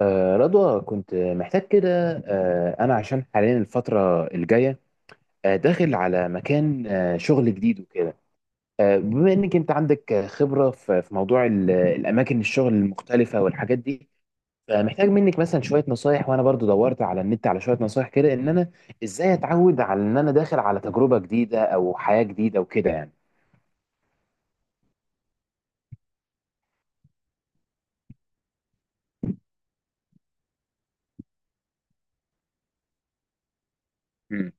رضوى، كنت محتاج كده. أنا عشان حاليا الفترة الجاية داخل على مكان شغل جديد وكده. بما إنك أنت عندك، خبرة في موضوع الأماكن الشغل المختلفة والحاجات دي. فمحتاج منك مثلا شوية نصايح. وأنا برضو دورت على النت على شوية نصايح كده، إن أنا إزاي أتعود على إن أنا داخل على تجربة جديدة أو حياة جديدة وكده يعني. مم.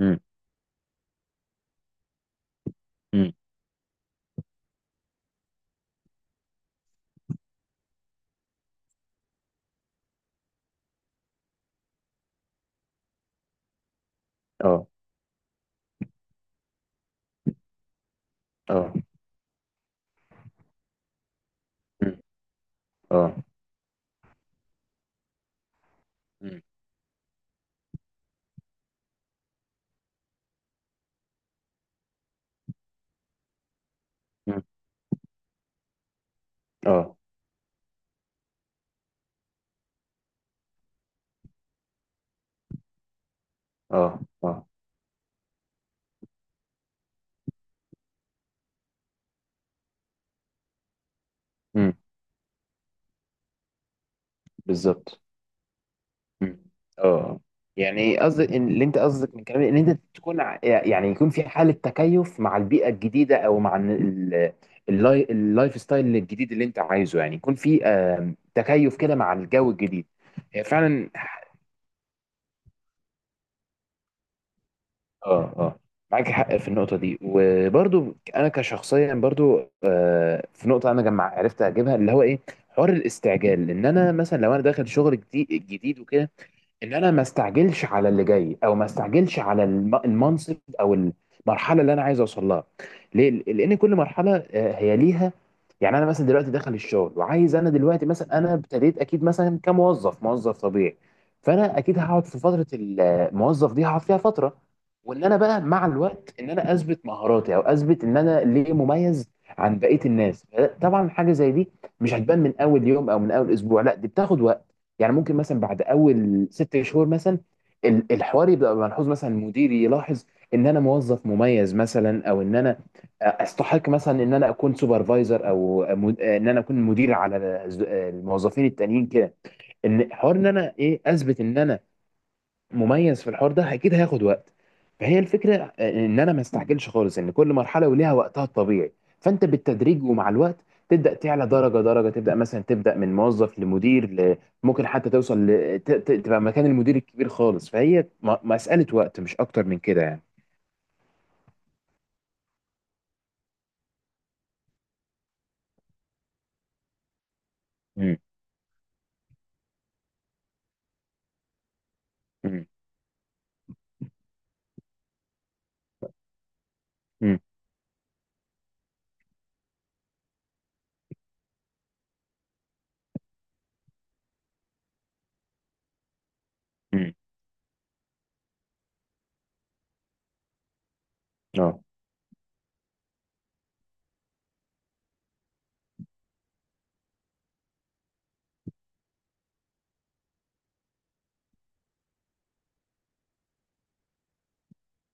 مم. مم. أه، أه. مم. أه. مم. مم. أه، أه، أه. مم. بالظبط. مم. اه. يعني قصدك اللي انت قصدك من كلامي ان انت تكون يعني يكون في حاله تكيف مع البيئه الجديده، او مع إن اللايف ستايل الجديد اللي انت عايزه، يعني يكون في تكيف كده مع الجو الجديد. هي فعلا. اه، اه، معاك حق في النقطة دي. وبرضو أنا كشخصيا برضو، في نقطة أنا جمع عرفت أجيبها، اللي هو إيه، حوار الاستعجال. إن أنا مثلا لو أنا داخل شغل جديد جديد وكده، ان انا ما استعجلش على اللي جاي، او ما استعجلش على المنصب او المرحله اللي انا عايز اوصل لها. ليه؟ لان كل مرحله هي ليها. يعني انا مثلا دلوقتي داخل الشغل وعايز، انا دلوقتي مثلا انا ابتديت اكيد مثلا كموظف موظف طبيعي. فانا اكيد هقعد في فتره الموظف دي، هقعد فيها فتره. وان انا بقى مع الوقت ان انا اثبت مهاراتي، او اثبت ان انا ليه مميز عن بقيه الناس. طبعا حاجه زي دي مش هتبان من اول يوم او من اول اسبوع، لا دي بتاخد وقت. يعني ممكن مثلا بعد اول 6 شهور مثلا، الحوار يبقى ملحوظ، مثلا مديري يلاحظ ان انا موظف مميز مثلا، او ان انا استحق مثلا ان انا اكون سوبرفايزر، او ان انا اكون مدير على الموظفين التانيين كده. ان حوار ان انا ايه، اثبت ان انا مميز في الحوار ده اكيد هياخد وقت. فهي الفكره، ان انا ما استعجلش خالص، ان كل مرحله وليها وقتها الطبيعي. فانت بالتدريج ومع الوقت تبدا تعلى درجه درجه، تبدا من موظف لمدير ممكن حتى توصل تبقى مكان المدير الكبير خالص. فهي مساله وقت مش اكتر من كده يعني. امم. امم. امم. امم. اه.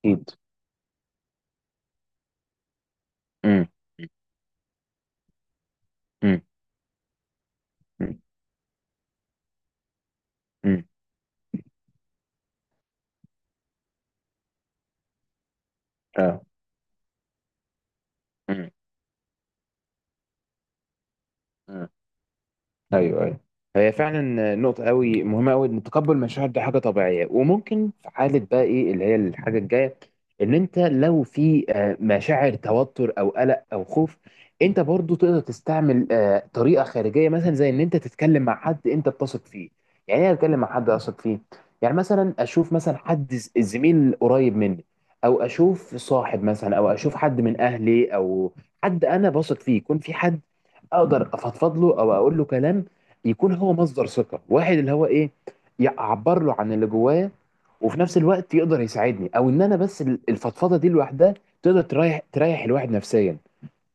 اكيد. امم. امم. امم. امم. اه. امم. ايوه، ايوه. هي فعلا نقطة قوي مهمة قوي، ان تقبل المشاعر دي حاجة طبيعية. وممكن في حالة بقى ايه اللي هي الحاجة الجاية، ان انت لو في مشاعر توتر او قلق او خوف، انت برضو تقدر تستعمل طريقة خارجية، مثلا زي ان انت تتكلم مع حد انت بتثق فيه. يعني ايه اتكلم مع حد اثق فيه؟ يعني مثلا اشوف مثلا حد زميل قريب مني، او اشوف صاحب مثلا، او اشوف حد من اهلي، او حد انا بثق فيه. يكون في حد اقدر افضفض له او اقول له كلام، يكون هو مصدر ثقه. واحد اللي هو ايه، يعبر له عن اللي جوايا، وفي نفس الوقت يقدر يساعدني. او ان انا بس الفضفضه دي لوحدها تقدر تريح الواحد نفسيا.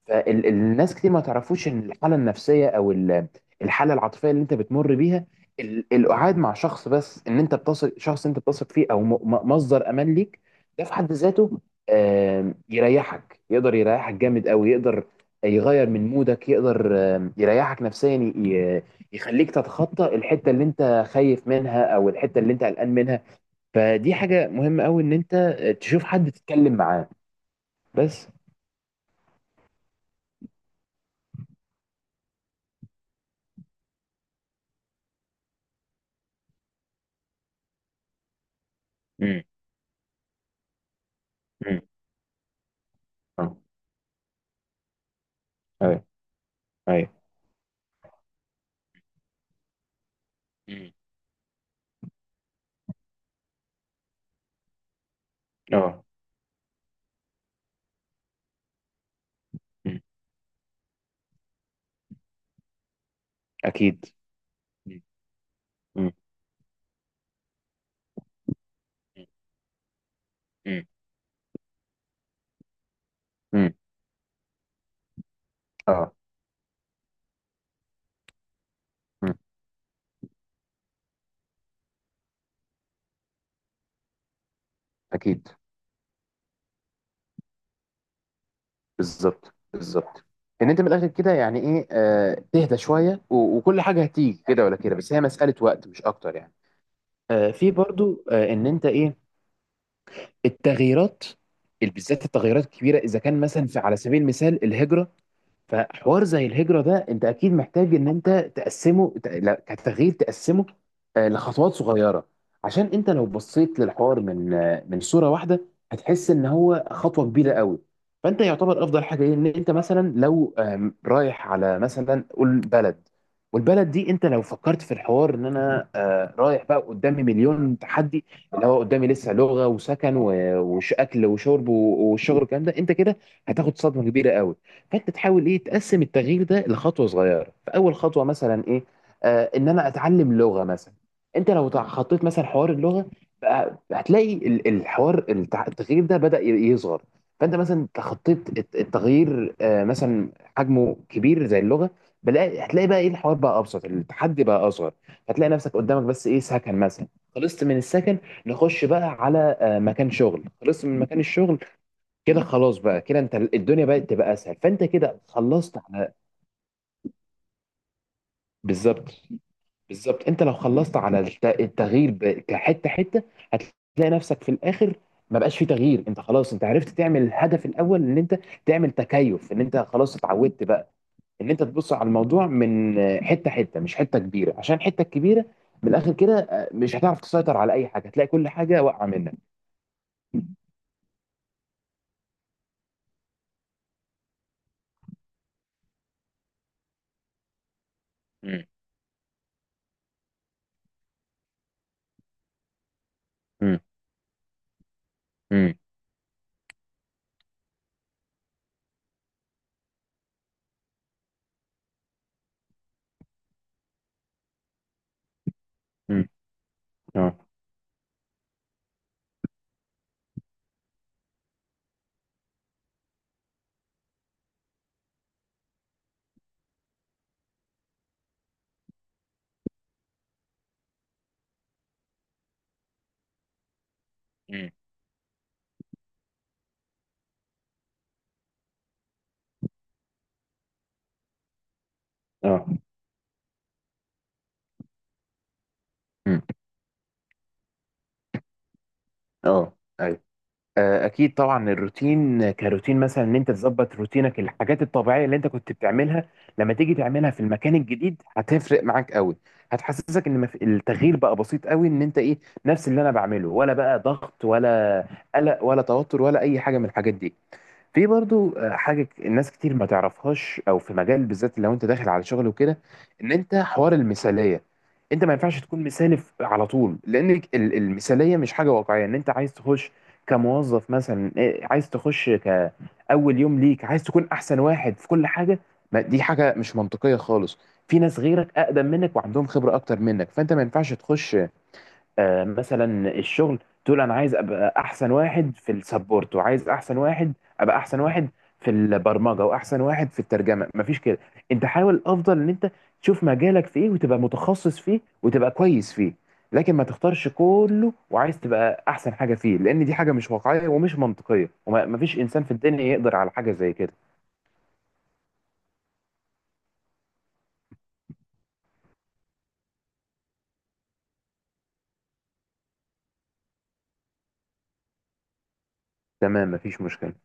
فالناس كتير ما تعرفوش ان الحاله النفسيه، او الحاله العاطفيه اللي انت بتمر بيها، القعاد مع شخص، بس ان انت بتثق، شخص انت بتثق فيه او مصدر امان ليك، ده في حد ذاته يريحك. يقدر يريحك جامد قوي. يقدر يغير من مودك، يقدر يريحك نفسيا، يخليك تتخطى الحته اللي انت خايف منها، او الحته اللي انت قلقان منها. فدي حاجه مهمه قوي، ان انت تشوف حد تتكلم معاه بس. امم. امم. اه. ايوه. أيوة. مم. اه. مم. اكيد. مم. مم. مم. مم. اه. مم. اكيد. بالظبط، بالظبط. ان انت من الاخر كده يعني ايه، تهدى شويه و- وكل حاجه هتيجي كده ولا كده، بس هي مساله وقت مش اكتر يعني. في برضو ان انت ايه، التغييرات، بالذات التغييرات الكبيره، اذا كان مثلا في على سبيل المثال الهجره. فحوار زي الهجرة ده، انت اكيد محتاج ان انت تقسمه، لا، كتغيير تقسمه لخطوات صغيرة. عشان انت لو بصيت للحوار من من صورة واحدة، هتحس ان هو خطوة كبيرة قوي. فانت يعتبر افضل حاجة ايه، ان انت مثلا لو رايح على مثلا قول بلد، والبلد دي انت لو فكرت في الحوار ان انا رايح بقى قدامي مليون تحدي، اللي هو قدامي لسه لغة وسكن و- وش اكل وشرب و- والشغل والكلام ده، انت كده هتاخد صدمة كبيرة قوي. فانت تحاول ايه، تقسم التغيير ده لخطوه صغيره. فاول خطوه مثلا ايه؟ ان انا اتعلم لغه مثلا. انت لو خطيت مثلا حوار اللغه، بقى هتلاقي الحوار التغيير ده بدأ يصغر. فانت مثلا خطيت التغيير مثلا حجمه كبير زي اللغه، هتلاقي بقى ايه، الحوار بقى ابسط، التحدي بقى اصغر. هتلاقي نفسك قدامك بس ايه، سكن مثلا. خلصت من السكن، نخش بقى على مكان شغل. خلصت من مكان الشغل، كده خلاص. بقى كده انت الدنيا بقت تبقى اسهل، فانت كده خلصت على. بالظبط، بالظبط. انت لو خلصت على التغيير كحته حته، هتلاقي نفسك في الاخر ما بقاش في تغيير. انت خلاص، انت عرفت تعمل الهدف الاول، ان انت تعمل تكيف. ان انت خلاص اتعودت بقى، ان انت تبص على الموضوع من حته حته، مش حته كبيره. عشان الحته الكبيره من الاخر كده، مش هتعرف تسيطر على اي حاجه، هتلاقي كل حاجه واقعه منك. امم. امم. امم. اه. امم. اه. امم. اه. اكيد طبعا، الروتين كروتين مثلا، ان انت تظبط روتينك، الحاجات الطبيعيه اللي انت كنت بتعملها لما تيجي تعملها في المكان الجديد هتفرق معاك قوي. هتحسسك ان التغيير بقى بسيط قوي، ان انت ايه، نفس اللي انا بعمله ولا بقى ضغط، ولا قلق، ولا توتر، ولا اي حاجه من الحاجات دي. في برضو حاجة الناس كتير ما تعرفهاش، او في مجال بالذات لو انت داخل على شغل وكده، ان انت حوار المثالية. انت ما ينفعش تكون مثالي على طول، لان المثالية مش حاجة واقعية. ان انت عايز تخش كموظف مثلا، إيه، عايز تخش كأول يوم ليك عايز تكون احسن واحد في كل حاجة، ما دي حاجة مش منطقية خالص. في ناس غيرك اقدم منك وعندهم خبرة اكتر منك، فانت ما ينفعش تخش مثلا الشغل تقول انا عايز ابقى احسن واحد في السبورت، وعايز احسن واحد، ابقى احسن واحد في البرمجه، واحسن واحد في الترجمه. مفيش كده. انت حاول افضل ان انت تشوف مجالك في ايه، وتبقى متخصص فيه وتبقى كويس فيه. لكن ما تختارش كله وعايز تبقى احسن حاجه فيه، لان دي حاجه مش واقعيه ومش منطقيه، ومفيش انسان في الدنيا يقدر على حاجه زي كده. تمام، مفيش مشكله.